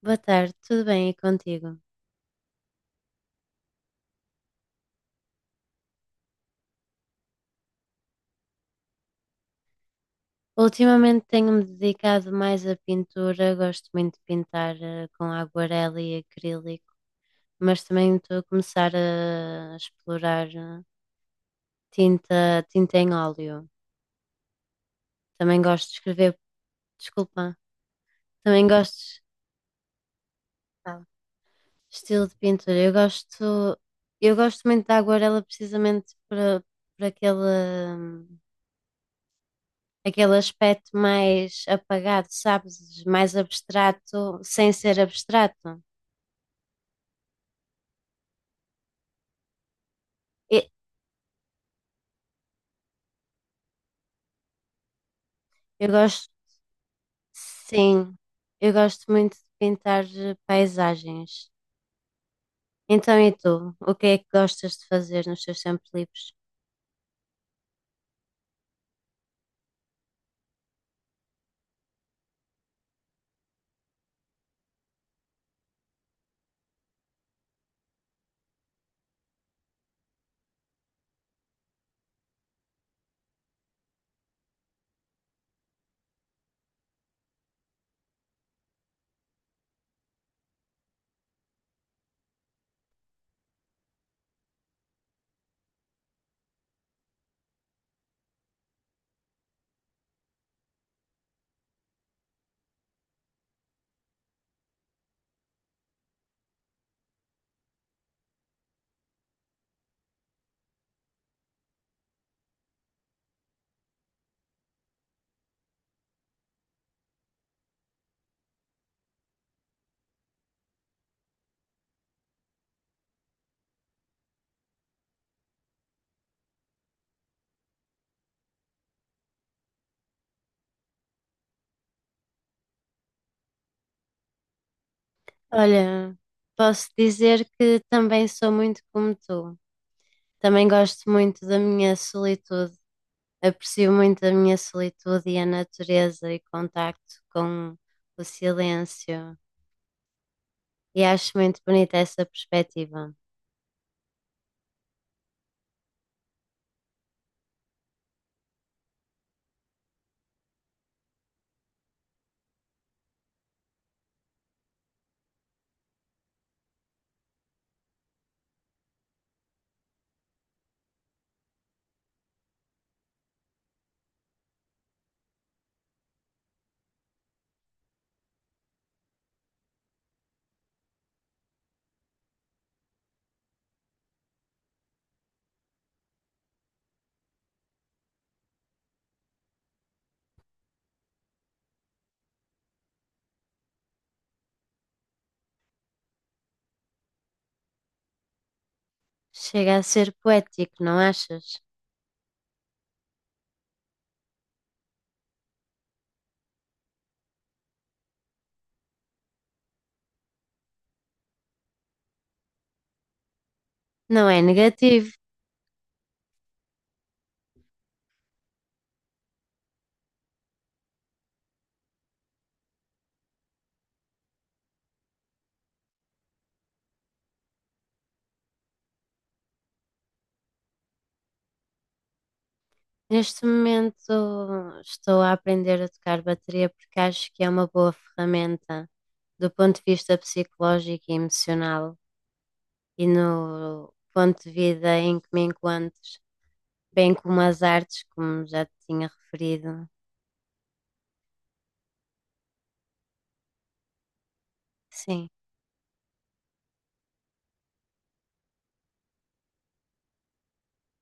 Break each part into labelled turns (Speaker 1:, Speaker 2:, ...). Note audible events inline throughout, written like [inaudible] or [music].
Speaker 1: Boa tarde, tudo bem e contigo? Ultimamente tenho-me dedicado mais à pintura, gosto muito de pintar com aguarela e acrílico, mas também estou a começar a explorar tinta em óleo. Também gosto de escrever, desculpa, também gosto de fala. Estilo de pintura. Eu gosto muito da aguarela precisamente para aquele, hum, aquele aspecto mais apagado, sabes? Mais abstrato, sem ser abstrato. E- Eu gosto, sim, eu gosto muito de pintar paisagens. Então, e tu? O que é que gostas de fazer nos teus tempos livres? Olha, posso dizer que também sou muito como tu. Também gosto muito da minha solitude. Aprecio muito a minha solitude e a natureza e contacto com o silêncio. E acho muito bonita essa perspectiva. Chega a ser poético, não achas? Não é negativo. Neste momento estou a aprender a tocar bateria porque acho que é uma boa ferramenta do ponto de vista psicológico e emocional e no ponto de vida em que me encontro, bem como as artes, como já te tinha referido. Sim,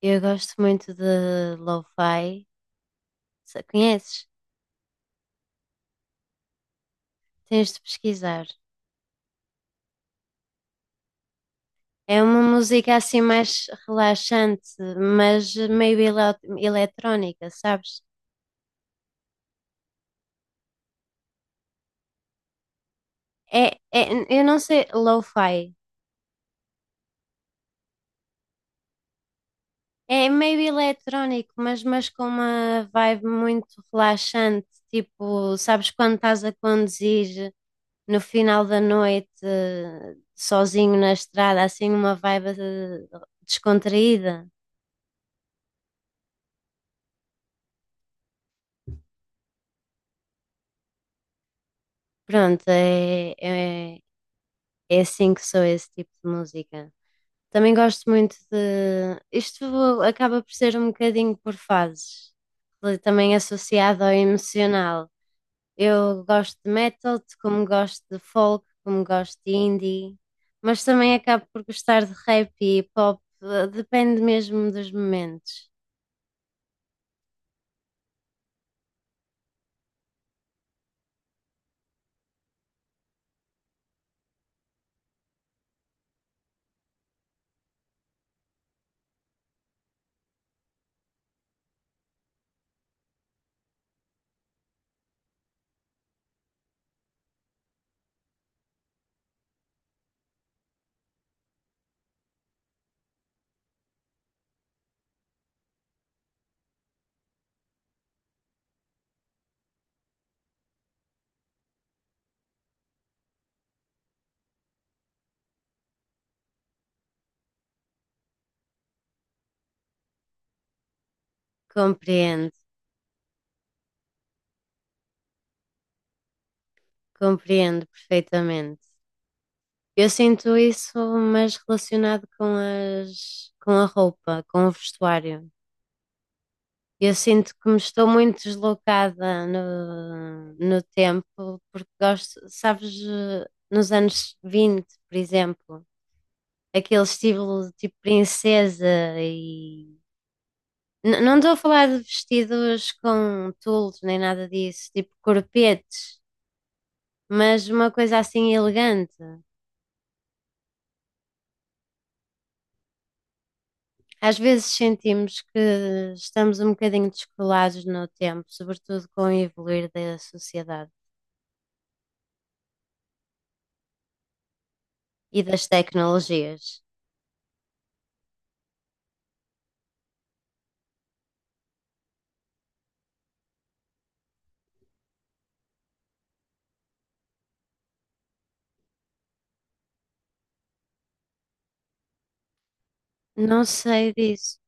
Speaker 1: eu gosto muito de lo-fi. Se- Conheces? Tens de pesquisar. É uma música assim mais relaxante, mas meio eletrónica, sabes? Eu não sei, lo-fi. É meio eletrónico, mas com uma vibe muito relaxante. Tipo, sabes quando estás a conduzir no final da noite, sozinho na estrada, assim uma vibe descontraída. Pronto, é, é assim que sou esse tipo de música. Também gosto muito de. Isto acaba por ser um bocadinho por fases, também associado ao emocional. Eu gosto de metal, como gosto de folk, como gosto de indie, mas também acabo por gostar de rap e pop, depende mesmo dos momentos. Compreendo, compreendo perfeitamente. Eu sinto isso, mas relacionado com com a roupa, com o vestuário. Eu sinto que me estou muito deslocada no tempo, porque gosto, sabes, nos anos 20 por exemplo, aquele estilo tipo princesa e. Não estou a falar de vestidos com tules nem nada disso, tipo corpetes, mas uma coisa assim elegante. Às vezes sentimos que estamos um bocadinho descolados no tempo, sobretudo com o evoluir da sociedade e das tecnologias. Não sei disso.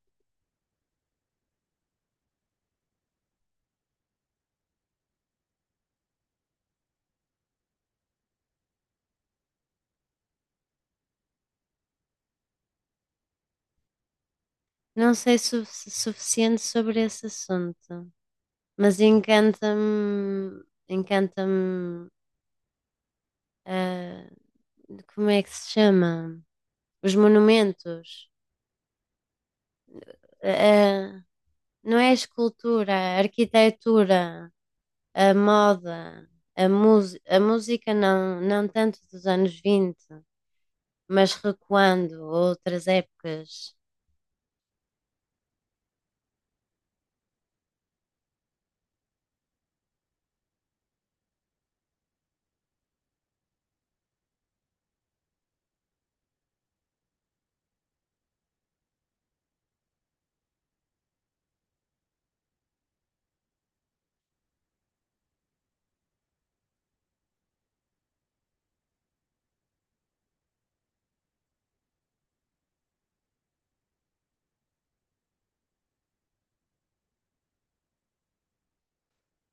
Speaker 1: Não sei suficiente sobre esse assunto. Mas encanta-me, ah, como é que se chama? Os monumentos. Ah, ah, não é a escultura, a arquitetura, a moda, a música não, não tanto dos anos 20, mas recuando a outras épocas.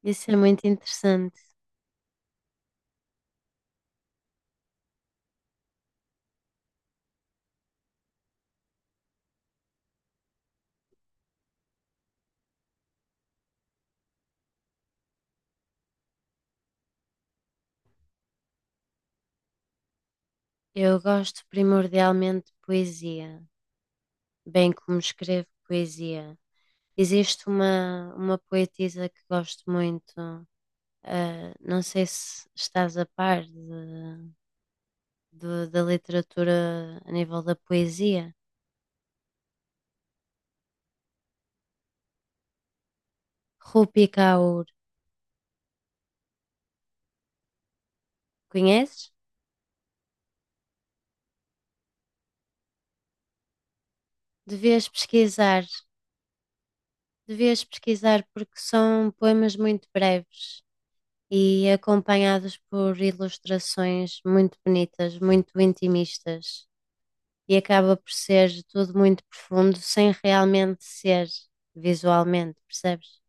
Speaker 1: Isso é muito interessante. Eu gosto primordialmente de poesia. Bem como escrevo poesia. Existe uma poetisa que gosto muito, ah, não sei se estás a par da literatura a nível da poesia. Rupi Kaur, conheces? Devias pesquisar, devias pesquisar porque são poemas muito breves e acompanhados por ilustrações muito bonitas, muito intimistas. E acaba por ser tudo muito profundo sem realmente ser visualmente, percebes?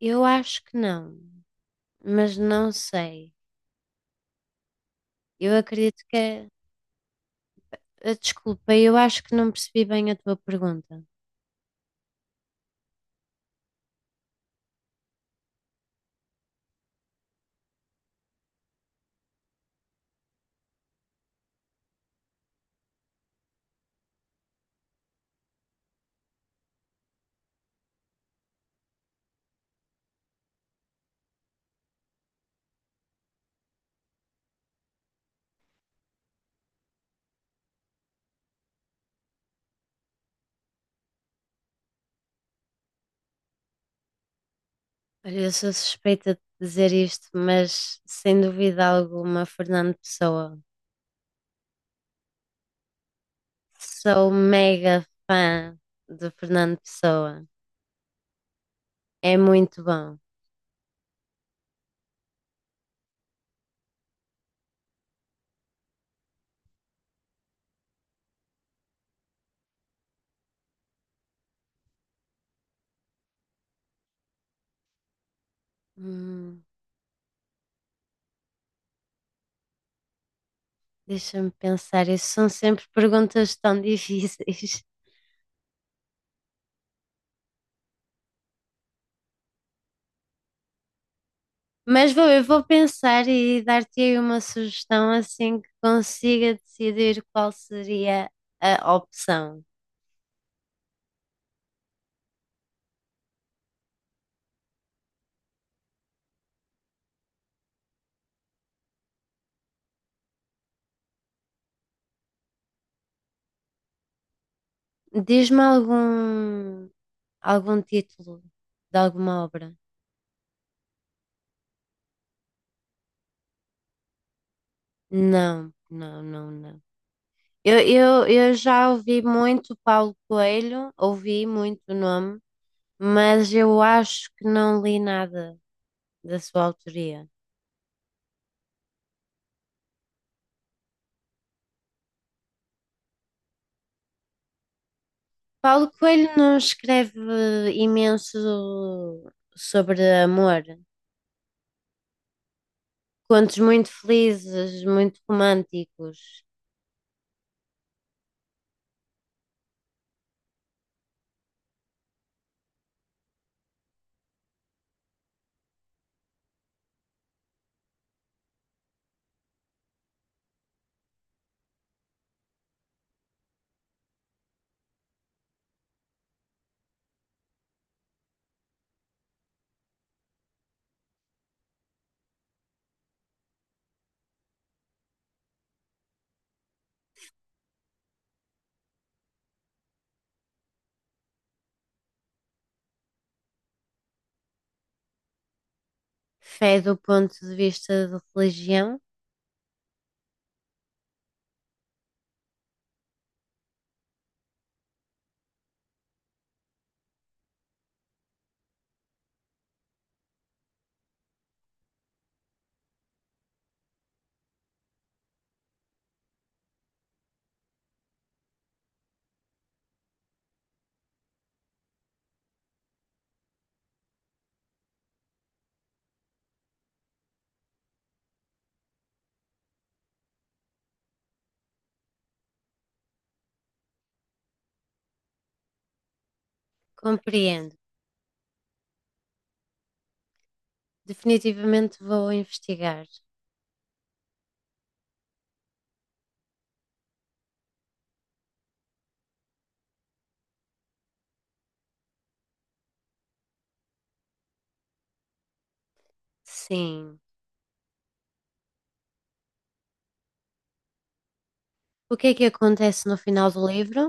Speaker 1: Eu acho que não, mas não sei. Eu acredito que. Desculpa, eu acho que não percebi bem a tua pergunta. Olha, eu sou suspeita de dizer isto, mas sem dúvida alguma, Fernando Pessoa. Sou mega fã de Fernando Pessoa. É muito bom. Hum, deixa-me pensar, isso são sempre [laughs] perguntas tão difíceis. Mas eu vou pensar e dar-te aí uma sugestão assim que consiga decidir qual seria a opção. Diz-me algum, algum título de alguma obra? Não, não, não, não. Eu já ouvi muito Paulo Coelho, ouvi muito o nome, mas eu acho que não li nada da sua autoria. Paulo Coelho não escreve imenso sobre amor. Contos muito felizes, muito românticos. Fé do ponto de vista de religião? Compreendo. Definitivamente vou investigar. Sim. O que é que acontece no final do livro?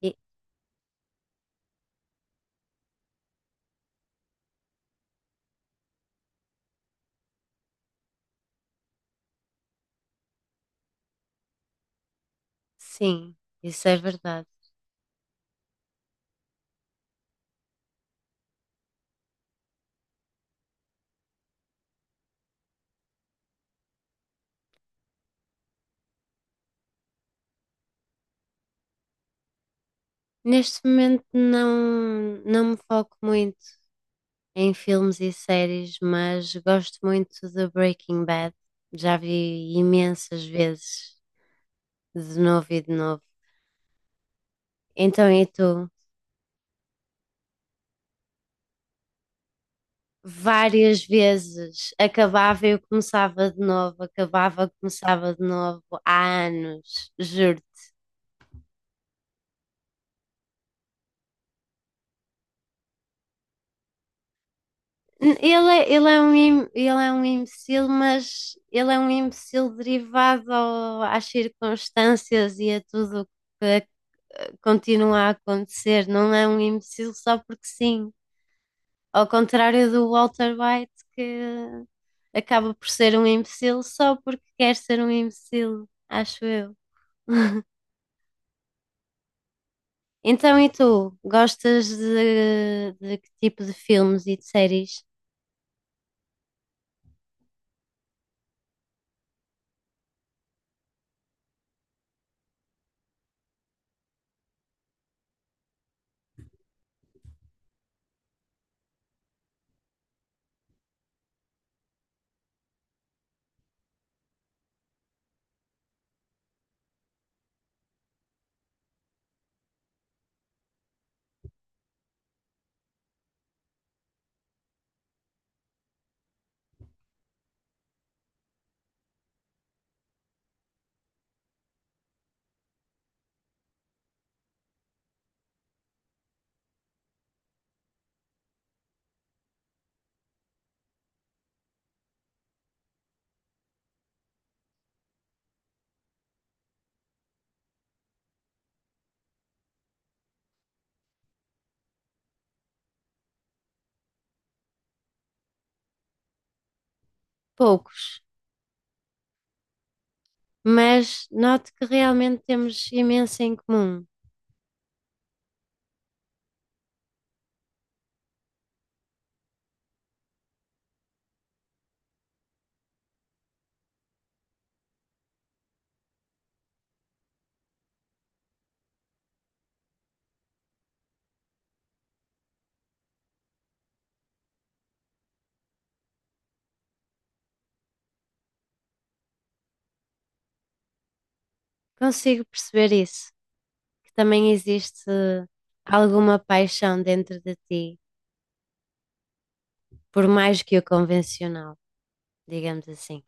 Speaker 1: E- Sim, isso é verdade. Neste momento não, não me foco muito em filmes e séries, mas gosto muito de Breaking Bad. Já vi imensas vezes, de novo e de novo. Então, e tu? Várias vezes. Acabava e eu começava de novo, acabava, começava de novo, há anos, juro. Ele é um imbecil, mas ele é um imbecil derivado às circunstâncias e a tudo que ac- continua a acontecer. Não é um imbecil só porque sim. Ao contrário do Walter White, que acaba por ser um imbecil só porque quer ser um imbecil, acho eu. Então, e tu? Gostas de que tipo de filmes e de séries? Poucos, mas noto que realmente temos imenso em comum. Consigo perceber isso, que também existe alguma paixão dentro de ti, por mais que o convencional, digamos assim.